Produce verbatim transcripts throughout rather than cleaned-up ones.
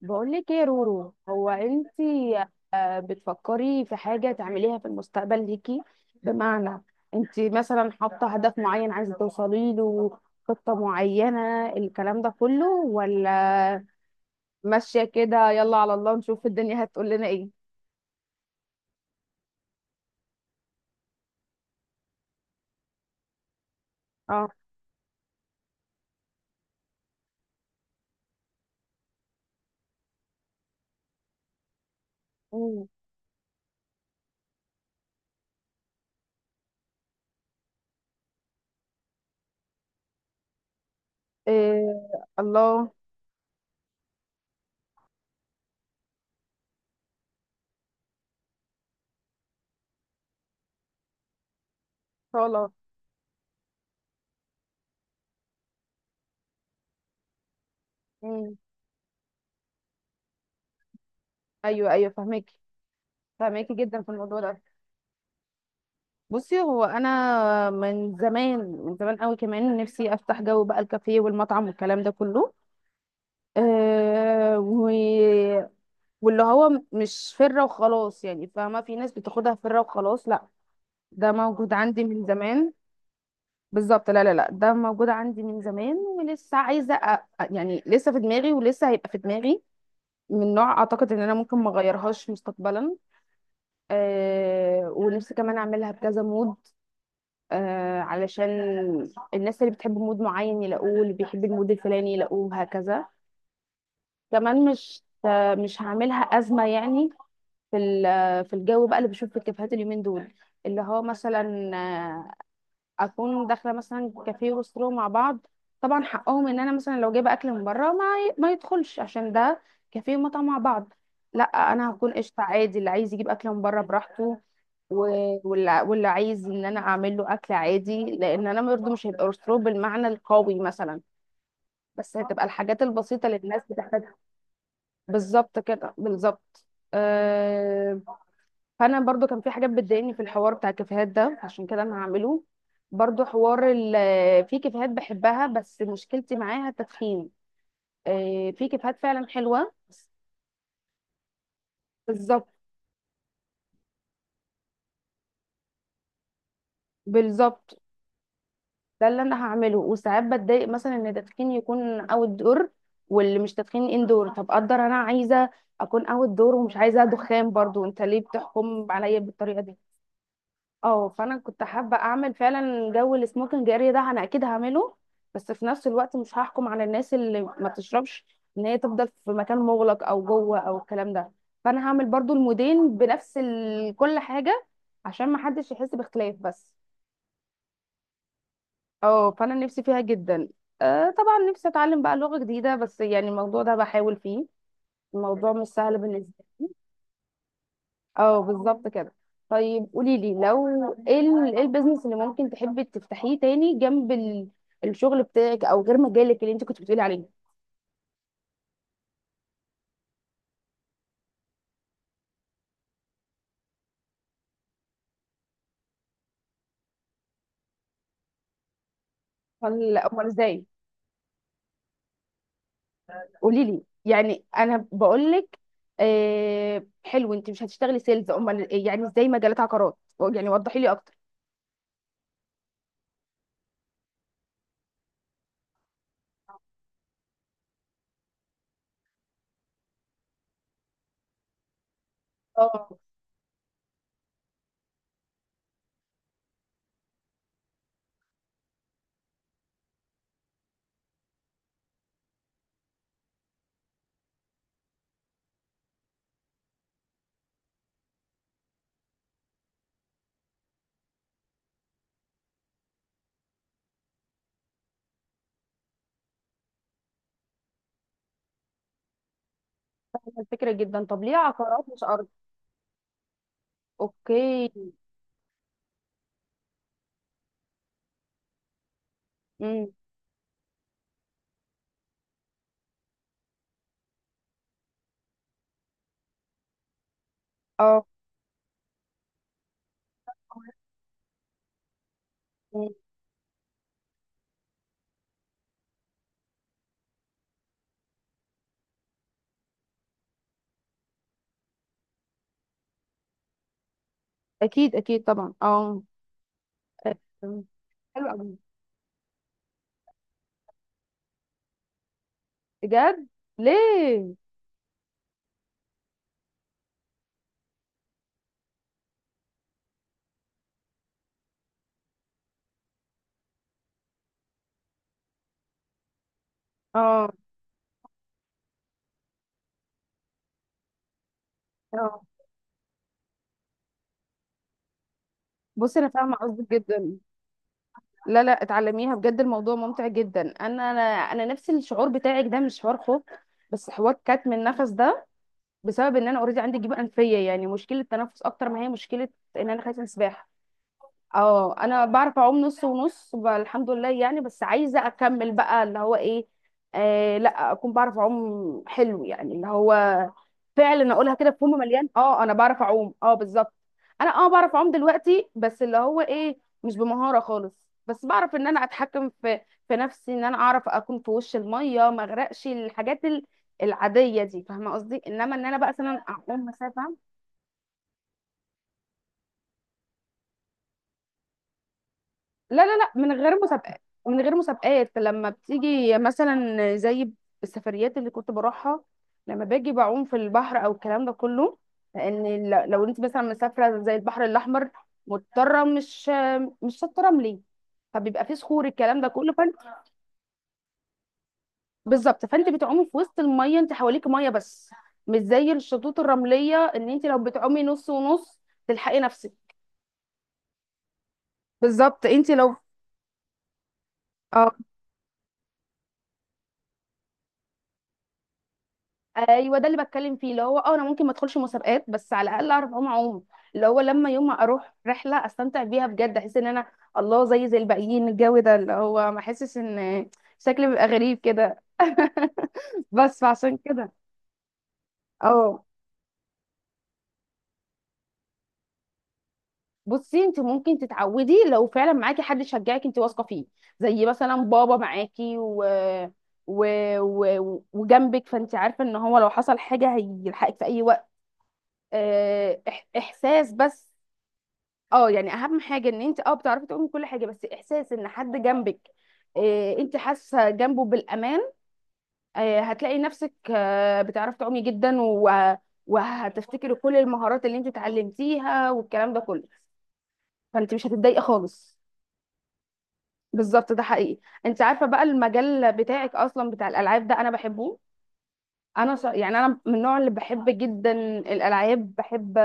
بقول لك ايه يا رورو؟ هو انتي آه، بتفكري في حاجة تعمليها في المستقبل ليكي؟ بمعنى، انتي مثلا حاطة هدف معين عايزة توصلي له، خطة معينة الكلام ده كله، ولا ماشية كده، يلا على الله نشوف الدنيا هتقول لنا ايه؟ اه. مم. إيه. الله ان شاء الله. مم. ايوه، ايوه، فهمك، فهمك جدا في الموضوع ده. بصي، هو انا من زمان، من زمان قوي كمان، نفسي افتح جو بقى الكافيه والمطعم والكلام ده كله. أه و... واللي هو مش فره وخلاص يعني، فاهمه، في ناس بتاخدها فره وخلاص، لا، ده موجود عندي من زمان. بالظبط. لا لا لا، ده موجود عندي من زمان، ولسه عايزه أ... يعني لسه في دماغي ولسه هيبقى في دماغي، من نوع اعتقد ان انا ممكن ما اغيرهاش مستقبلا. أه. ونفسي كمان اعملها بكذا مود، آه علشان الناس اللي بتحب مود معين يلاقوه، اللي بيحب المود الفلاني يلاقوه، هكذا. كمان مش مش هعملها أزمة يعني. في ال- في الجو بقى اللي بشوف في الكافيهات اليومين دول، اللي هو مثلا آه، اكون داخله مثلا كافيه وسترو مع بعض، طبعا حقهم ان انا مثلا لو جايبه اكل من بره، ما ي- ما يدخلش عشان ده كافيه ومطعم مع بعض. لا، انا هكون قشطه عادي، اللي عايز يجيب اكل من بره براحته، و- واللي واللي عايز ان انا اعمل له اكل عادي، لان انا برضه مش هيبقى رسترو بالمعنى القوي مثلا، بس هتبقى الحاجات البسيطه اللي الناس بتحتاجها. بالظبط كده، بالظبط. أه، فانا برضو كان في حاجات بتضايقني في الحوار بتاع الكافيهات ده، عشان كده انا هعمله برضو حوار ال- آه، في كافيهات بحبها بس مشكلتي معاها التدخين. آه، في كافيهات فعلا حلوة. بالظبط، بالظبط، ده اللي انا هعمله. وساعات بتضايق مثلا ان التدخين يكون اوت دور، واللي مش تدخين اندور، طب اقدر انا عايزه اكون اوت دور ومش عايزه دخان، برضو انت ليه بتحكم عليا بالطريقه دي؟ اه، فانا كنت حابه اعمل فعلا جو السموكينج اريا ده، انا اكيد هعمله. بس في نفس الوقت مش هحكم على الناس اللي ما بتشربش ان هي تفضل في مكان مغلق او جوه او الكلام ده. فانا هعمل برضو المودين بنفس ال... كل حاجه، عشان ما حدش يحس باختلاف بس. اه، فانا نفسي فيها جدا. آه طبعا نفسي اتعلم بقى لغه جديده بس يعني الموضوع ده بحاول فيه، الموضوع مش سهل بالنسبه. اه، بالظبط كده. طيب قولي لي لو ايه ال- إيه البيزنس اللي ممكن تحبي تفتحيه تاني جنب ال... الشغل بتاعك، او غير مجالك اللي انت كنت بتقولي عليه؟ امال، امال ازاي؟ قولي لي يعني، انا بقول لك. آه حلو، انت مش هتشتغلي سيلز، امال إيه؟ يعني ازاي مجالات عقارات؟ يعني وضحي لي اكتر. اه، فاهمة الفكره جدا. طب ليه عقارات مش ارض؟ اوكي. امم اه. مم. اكيد اكيد طبعا، اه. آه، حلو قوي بجد. ليه؟ اه اه، بصي انا فاهمه قصدك جدا. لا لا، اتعلميها بجد الموضوع ممتع جدا. انا انا انا نفس الشعور بتاعك ده، مش حوار خوف، بس حوار كتم النفس ده، بسبب ان انا اوريدي عندي جيوب انفيه يعني، مشكله تنفس اكتر ما هي مشكله ان انا خايفه من السباحه. اه، انا بعرف اعوم نص ونص بقى الحمد لله يعني، بس عايزه اكمل بقى اللي هو ايه. آه لا، اكون بعرف اعوم حلو يعني اللي هو فعلا اقولها كده بفم مليان، اه انا بعرف اعوم، اه بالظبط. انا اه بعرف اعوم دلوقتي بس اللي هو ايه، مش بمهاره خالص، بس بعرف ان انا اتحكم في في نفسي، ان انا اعرف اكون في وش الميه ما اغرقش، الحاجات ال- العاديه دي، فاهمه قصدي، انما ان انا بقى مثلا اعوم مسافه. لا لا لا، من غير مسابقات، من غير مسابقات، لما بتيجي مثلا زي السفريات اللي كنت بروحها، لما باجي بعوم في البحر او الكلام ده كله. لان ل- لو انت مثلا مسافره زي البحر الاحمر، مضطره، مش مش شاطه رملي، فبيبقى فيه صخور الكلام ده كله، فانت... بالظبط، فانت بتعومي في وسط الميه، انت حواليك ميه بس، مش زي الشطوط الرمليه، ان انت لو بتعومي نص ونص تلحقي نفسك. بالظبط. انت لو اه، ايوه، ده اللي بتكلم فيه، اللي هو اه انا ممكن ما ادخلش مسابقات، بس على الاقل اعرف اعوم، اعوم، اللي هو لما يوم ما اروح رحله استمتع بيها بجد، احس ان انا الله زي زي الباقيين، الجو ده اللي هو ما احسش ان شكلي بيبقى غريب كده بس فعشان كده، اه. بصي انت ممكن تتعودي لو فعلا معاكي حد يشجعك، انت واثقه فيه، زي مثلا بابا معاكي و... و... و... وجنبك، فانت عارفه ان هو لو حصل حاجه هيلحقك في اي وقت. آه، إح... احساس بس. اه، يعني اهم حاجه ان انت اه بتعرفي تقومي كل حاجه، بس احساس ان حد جنبك، إيه، انت حاسه جنبه بالامان، إيه، هتلاقي نفسك آه، بتعرفي تعومي جدا، و- وهتفتكري كل المهارات اللي انت اتعلمتيها والكلام ده كله، فانت مش هتتضايقي خالص. بالظبط، ده حقيقي. انت عارفه بقى المجال بتاعك اصلا بتاع الالعاب ده انا بحبه. انا ص- يعني انا من النوع اللي بحب جدا الالعاب، بحب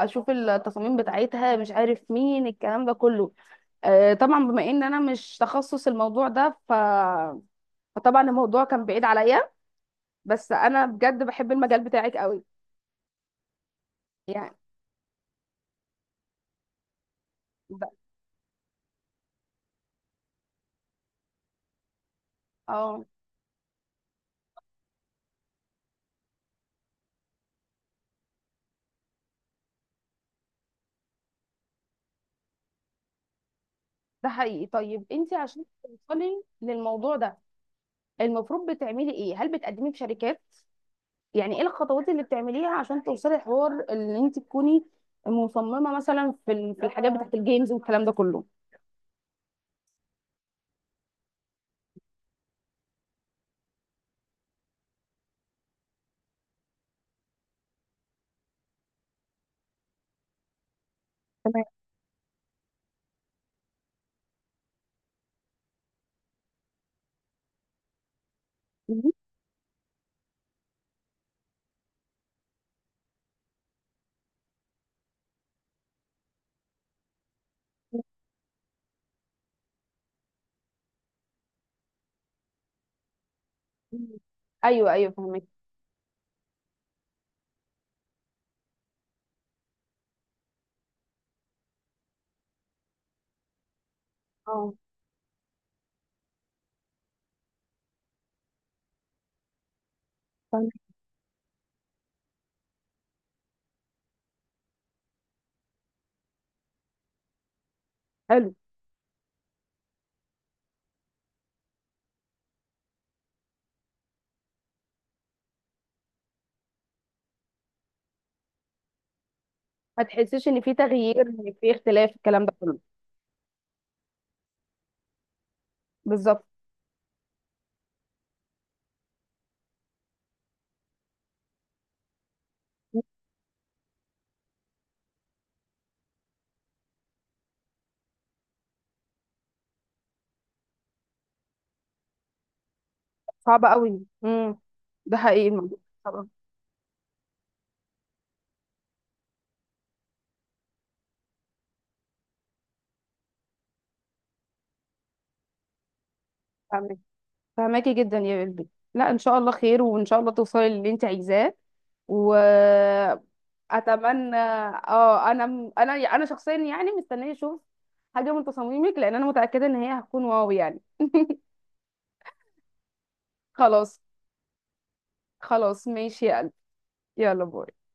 اشوف التصاميم بتاعتها، مش عارف مين الكلام ده كله. آه، طبعا بما ان انا مش تخصص الموضوع ده ف... فطبعا الموضوع كان بعيد عليا، بس انا بجد بحب المجال بتاعك قوي يعني. ده اه ده حقيقي. طيب انت عشان توصلي للموضوع ده المفروض بتعملي ايه؟ هل بتقدمي في شركات؟ يعني ايه الخطوات اللي بتعمليها عشان توصلي الحوار اللي انت تكوني مصممة مثلا في ال- في الحاجات بتاعت الجيمز والكلام ده كله؟ تمام. مهم. ايوه ايوه فهمك. اه فهمك. حلو. ما تحسيش ان في تغيير، في اختلاف الكلام ده كله؟ بالظبط. صعب قوي. امم ده حقيقي الموضوع. طبعا. فاهمك، فاهماكي جدا يا قلبي. لا ان شاء الله خير، وان شاء الله توصلي للي انت عايزاه، واتمنى. اه، انا انا انا شخصيا يعني مستنيه اشوف حاجه من تصاميمك، لان انا متاكده ان هي هتكون واو يعني. خلاص. خلاص، ماشي يا قلبي. يلا باي.